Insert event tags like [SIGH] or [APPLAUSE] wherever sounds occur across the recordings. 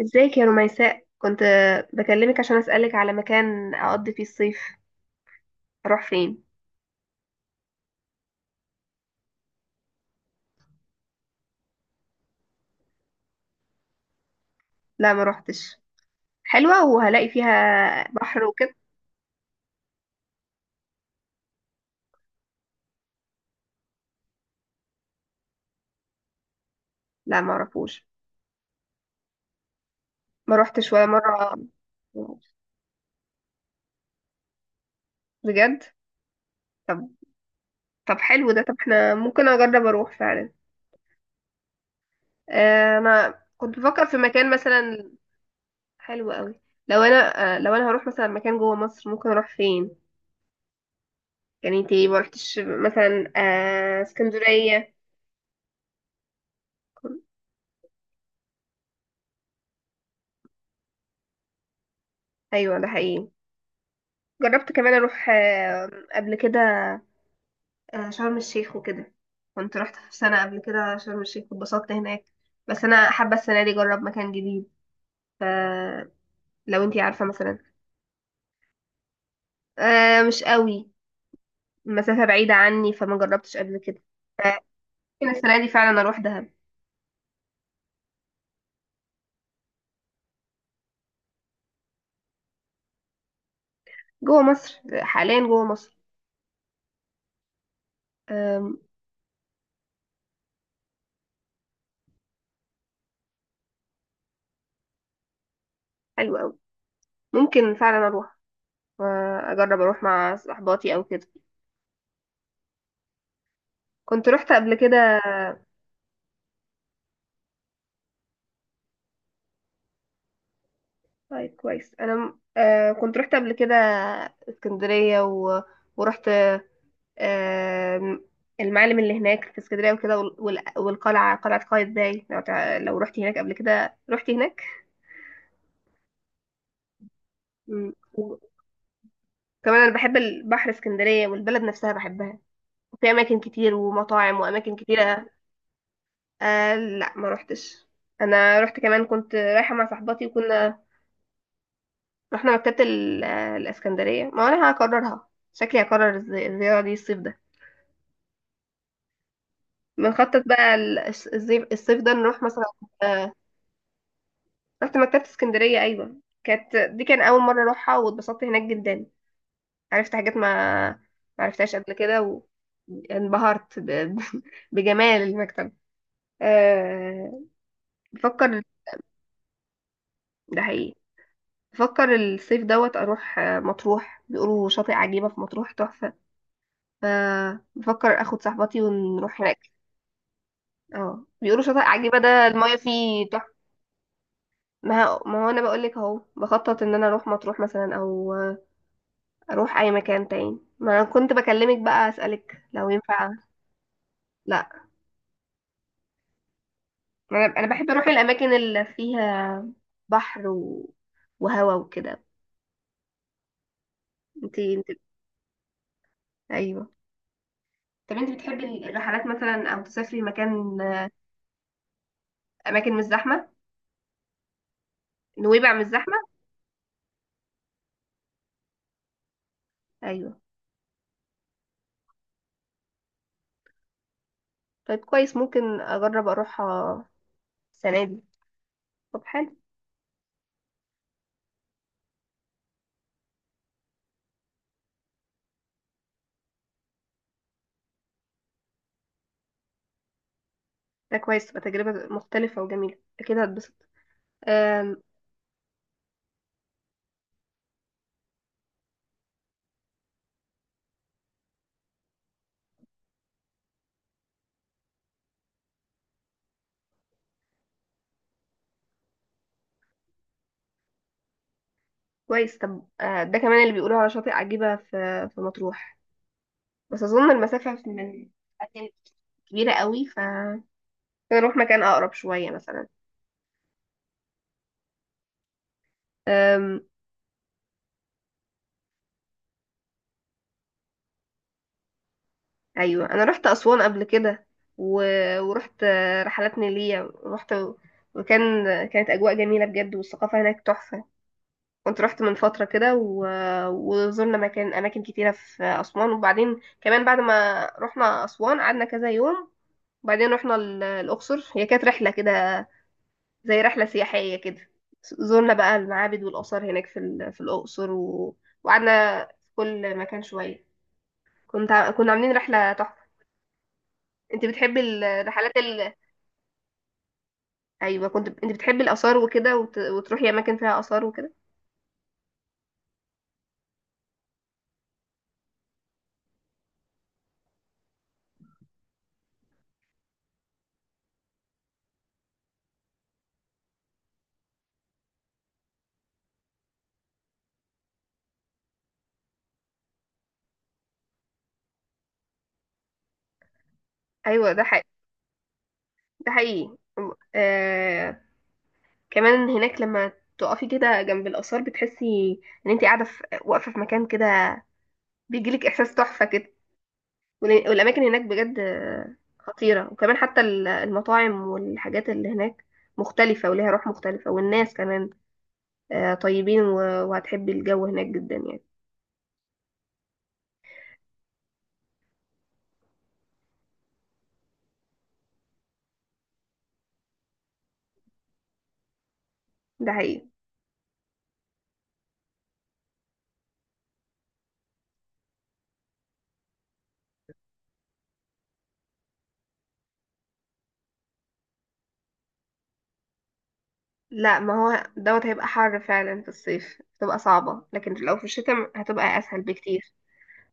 ازيك يا رميساء؟ كنت بكلمك عشان اسألك على مكان اقضي فيه الصيف، اروح فين؟ لا، ما روحتش. حلوة وهلاقي فيها بحر وكده؟ لا، ما اعرفوش. ما روحتش ولا مرة. بجد؟ طب طب حلو ده. طب احنا ممكن اجرب اروح فعلا. انا كنت بفكر في مكان مثلا. حلو قوي. لو انا هروح مثلا مكان جوه مصر، ممكن اروح فين؟ يعني انتي ما روحتش مثلا اسكندرية؟ ايوه، ده حقيقي. جربت كمان اروح قبل كده شرم الشيخ وكده. كنت رحت في سنة قبل كده شرم الشيخ واتبسطت هناك، بس انا حابة السنة دي اجرب مكان جديد. فلو انتي عارفة مثلا مش قوي. المسافة بعيدة عني فما جربتش قبل كده. ممكن السنة دي فعلا اروح دهب. جوه مصر، حاليا جوه مصر. آم، حلو قوي. ممكن فعلا اروح. اجرب اروح مع صحباتي او كده. كنت رحت قبل كده. طيب كويس، انا كنت رحت قبل كده. اسكندريه ورحت آه المعالم اللي هناك في اسكندريه وكده، والقلعه قلعه قايتباي، لو رحت هناك قبل كده، رحت هناك. مم. وكمان، انا بحب البحر، اسكندريه والبلد نفسها بحبها، وفي اماكن كتير ومطاعم واماكن كتيره. لا، ما روحتش. انا رحت كمان، كنت رايحه مع صاحبتي وكنا رحنا مكتبه ال... آه، الاسكندريه. ما انا هكررها، شكلي هكرر الزياره دي الصيف ده. بنخطط بقى الصيف ده نروح مثلا. آه، رحت مكتبة اسكندرية، أيوة، كانت دي كان أول مرة أروحها واتبسطت هناك جدا. عرفت حاجات ما عرفتهاش قبل كده، وانبهرت [LAUGHS] بجمال المكتبة. أه... بفكر، ده حقيقي. بفكر الصيف دوت أروح مطروح. بيقولوا شاطئ عجيبة في مطروح تحفة، فبفكر أخد صاحبتي ونروح هناك. اه بيقولوا شاطئ عجيبة ده المايه فيه تحفة. ما هو انا بقول لك اهو، بخطط ان انا اروح مطروح مثلا، او اروح اي مكان تاني. ما انا كنت بكلمك بقى اسالك لو ينفع. لا، ما انا بحب اروح الاماكن اللي فيها بحر وهوا وكده. انت، ايوه. طب انت بتحبي الرحلات مثلا او تسافري مكان؟ اماكن مش زحمه، نويبع مش زحمه. ايوه، طيب كويس. ممكن اجرب اروحها السنه دي. طب حلو. ده كويس، تبقى تجربه مختلفه وجميله، اكيد هتبسط. أم، كويس. طب ده كمان اللي بيقولوا على شاطئ عجيبة في مطروح. بس أظن المسافة من أتين كبيرة قوي، نروح مكان أقرب شوية مثلا. أم... أيوة، أنا رحت أسوان قبل كده و... ورحت رحلات نيلية. رحت وكان كانت أجواء جميلة بجد والثقافة هناك تحفة. كنت رحت من فترة كده وزرنا أماكن كتيرة في أسوان. وبعدين كمان، بعد ما رحنا أسوان قعدنا كذا يوم، وبعدين رحنا الأقصر. هي كانت رحلة كده، زي رحلة سياحية كده. زورنا بقى المعابد والآثار هناك في الأقصر وقعدنا في كل مكان شوية. كنا عاملين رحلة تحفة. انت بتحبي الرحلات ايوه كنت. انت بتحبي الآثار وكده وتروحي أماكن فيها آثار وكده. ايوه، ده حقيقي. ده حقيقي آه... كمان هناك، لما تقفي كده جنب الآثار بتحسي ان انت واقفة في مكان كده، بيجيلك إحساس تحفة كده. والأماكن هناك بجد خطيرة. وكمان حتى المطاعم والحاجات اللي هناك مختلفة وليها روح مختلفة. والناس كمان طيبين، وهتحبي الجو هناك جدا يعني. ده حقيقي. لا، ما هو دوت هيبقى حر فعلا، في الصيف هتبقى صعبة، لكن لو في الشتاء هتبقى أسهل بكتير.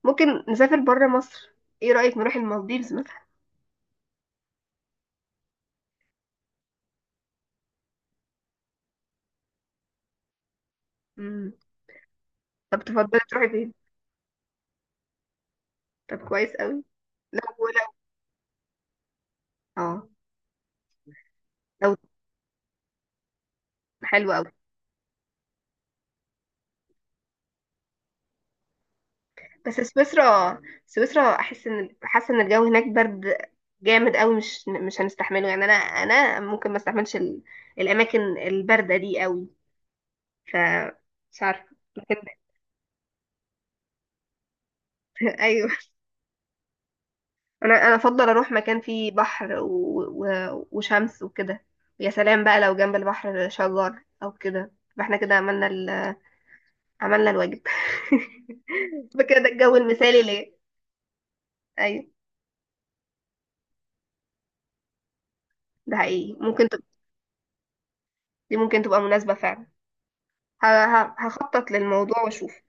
ممكن نسافر برا مصر. ايه رأيك نروح المالديفز مثلا؟ مم. طب تفضلي تروحي فين؟ طب كويس قوي. لو لو اه لو حلو قوي. بس سويسرا سويسرا احس ان حاسه الجو هناك برد جامد قوي. مش هنستحمله يعني، انا ممكن ما استحملش الاماكن البارده دي قوي. ف مش عارفه، لكن [LAUGHS] ايوه، انا افضل اروح مكان فيه بحر وشمس وكده. يا سلام بقى لو جنب البحر شجر او كده، يبقى احنا كده عملنا عملنا الواجب. [LAUGHS] يبقى كده ده الجو المثالي ليه. ايوه، ده حقيقي. ممكن دي ممكن تبقى مناسبه فعلا. هخطط للموضوع واشوف.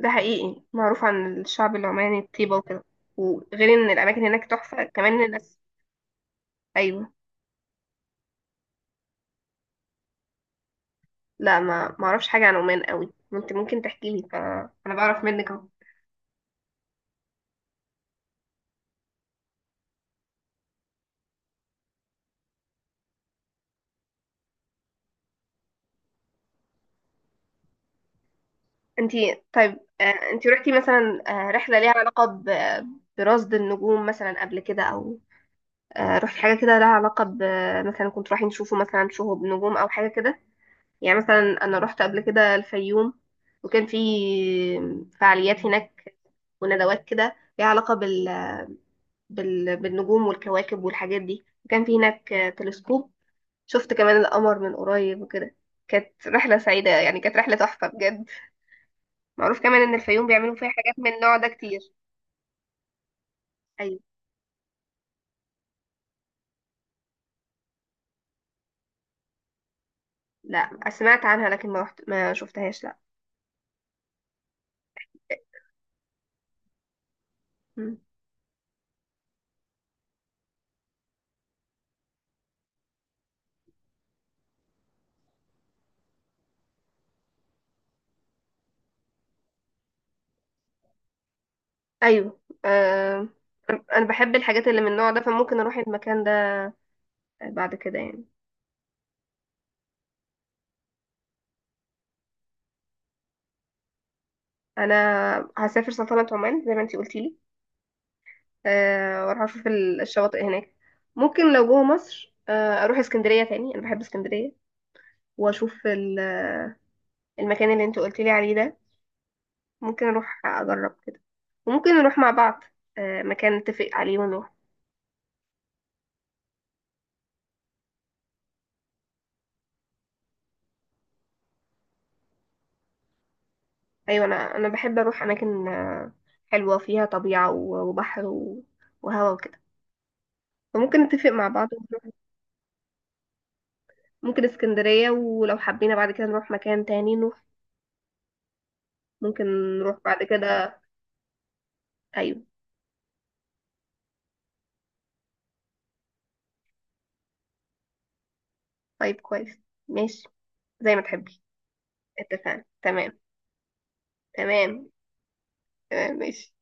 ده حقيقي، معروف عن الشعب العماني الطيبة وكده. وغير ان الاماكن هناك تحفة، كمان الناس. ايوه. لا، ما اعرفش حاجة عن عمان قوي. انت ممكن تحكي لي، فانا بعرف منك اهو. انت، طيب انت رحتي مثلا رحلة ليها علاقة برصد النجوم مثلا قبل كده، او رحتي حاجة كده لها علاقة مثلا كنت رايحين نشوفوا مثلا شهب نجوم او حاجة كده؟ يعني مثلا انا رحت قبل كده الفيوم وكان في فعاليات هناك وندوات كده ليها علاقة بالنجوم والكواكب والحاجات دي. وكان في هناك تلسكوب، شفت كمان القمر من قريب وكده. كانت رحلة سعيدة يعني، كانت رحلة تحفة بجد. معروف كمان إن الفيوم بيعملوا فيها حاجات من النوع ده كتير. أيوة. لا، سمعت عنها لكن ما رحت، ما شفتهاش، لا. مم. أيوة. آه... أنا بحب الحاجات اللي من النوع ده، فممكن أروح المكان ده بعد كده يعني. أنا هسافر سلطنة عمان زي ما انتي قلتيلي. واروح اشوف الشواطئ هناك. ممكن لو جوه مصر اروح اسكندريه تاني، انا بحب اسكندريه. واشوف المكان اللي انت قلت لي عليه ده. ممكن اروح اجرب كده، وممكن نروح مع بعض مكان نتفق عليه ونروح. ايوه، انا بحب اروح اماكن حلوه فيها طبيعه، وبحر وهوا وكده. فممكن نتفق مع بعض ونروح. ممكن اسكندريه، ولو حبينا بعد كده نروح مكان تاني نروح. ممكن نروح بعد كده. ايوه، طيب كويس، ماشي، زي ما تحبي. اتفقنا، تمام. تمام، تمام، ماشي.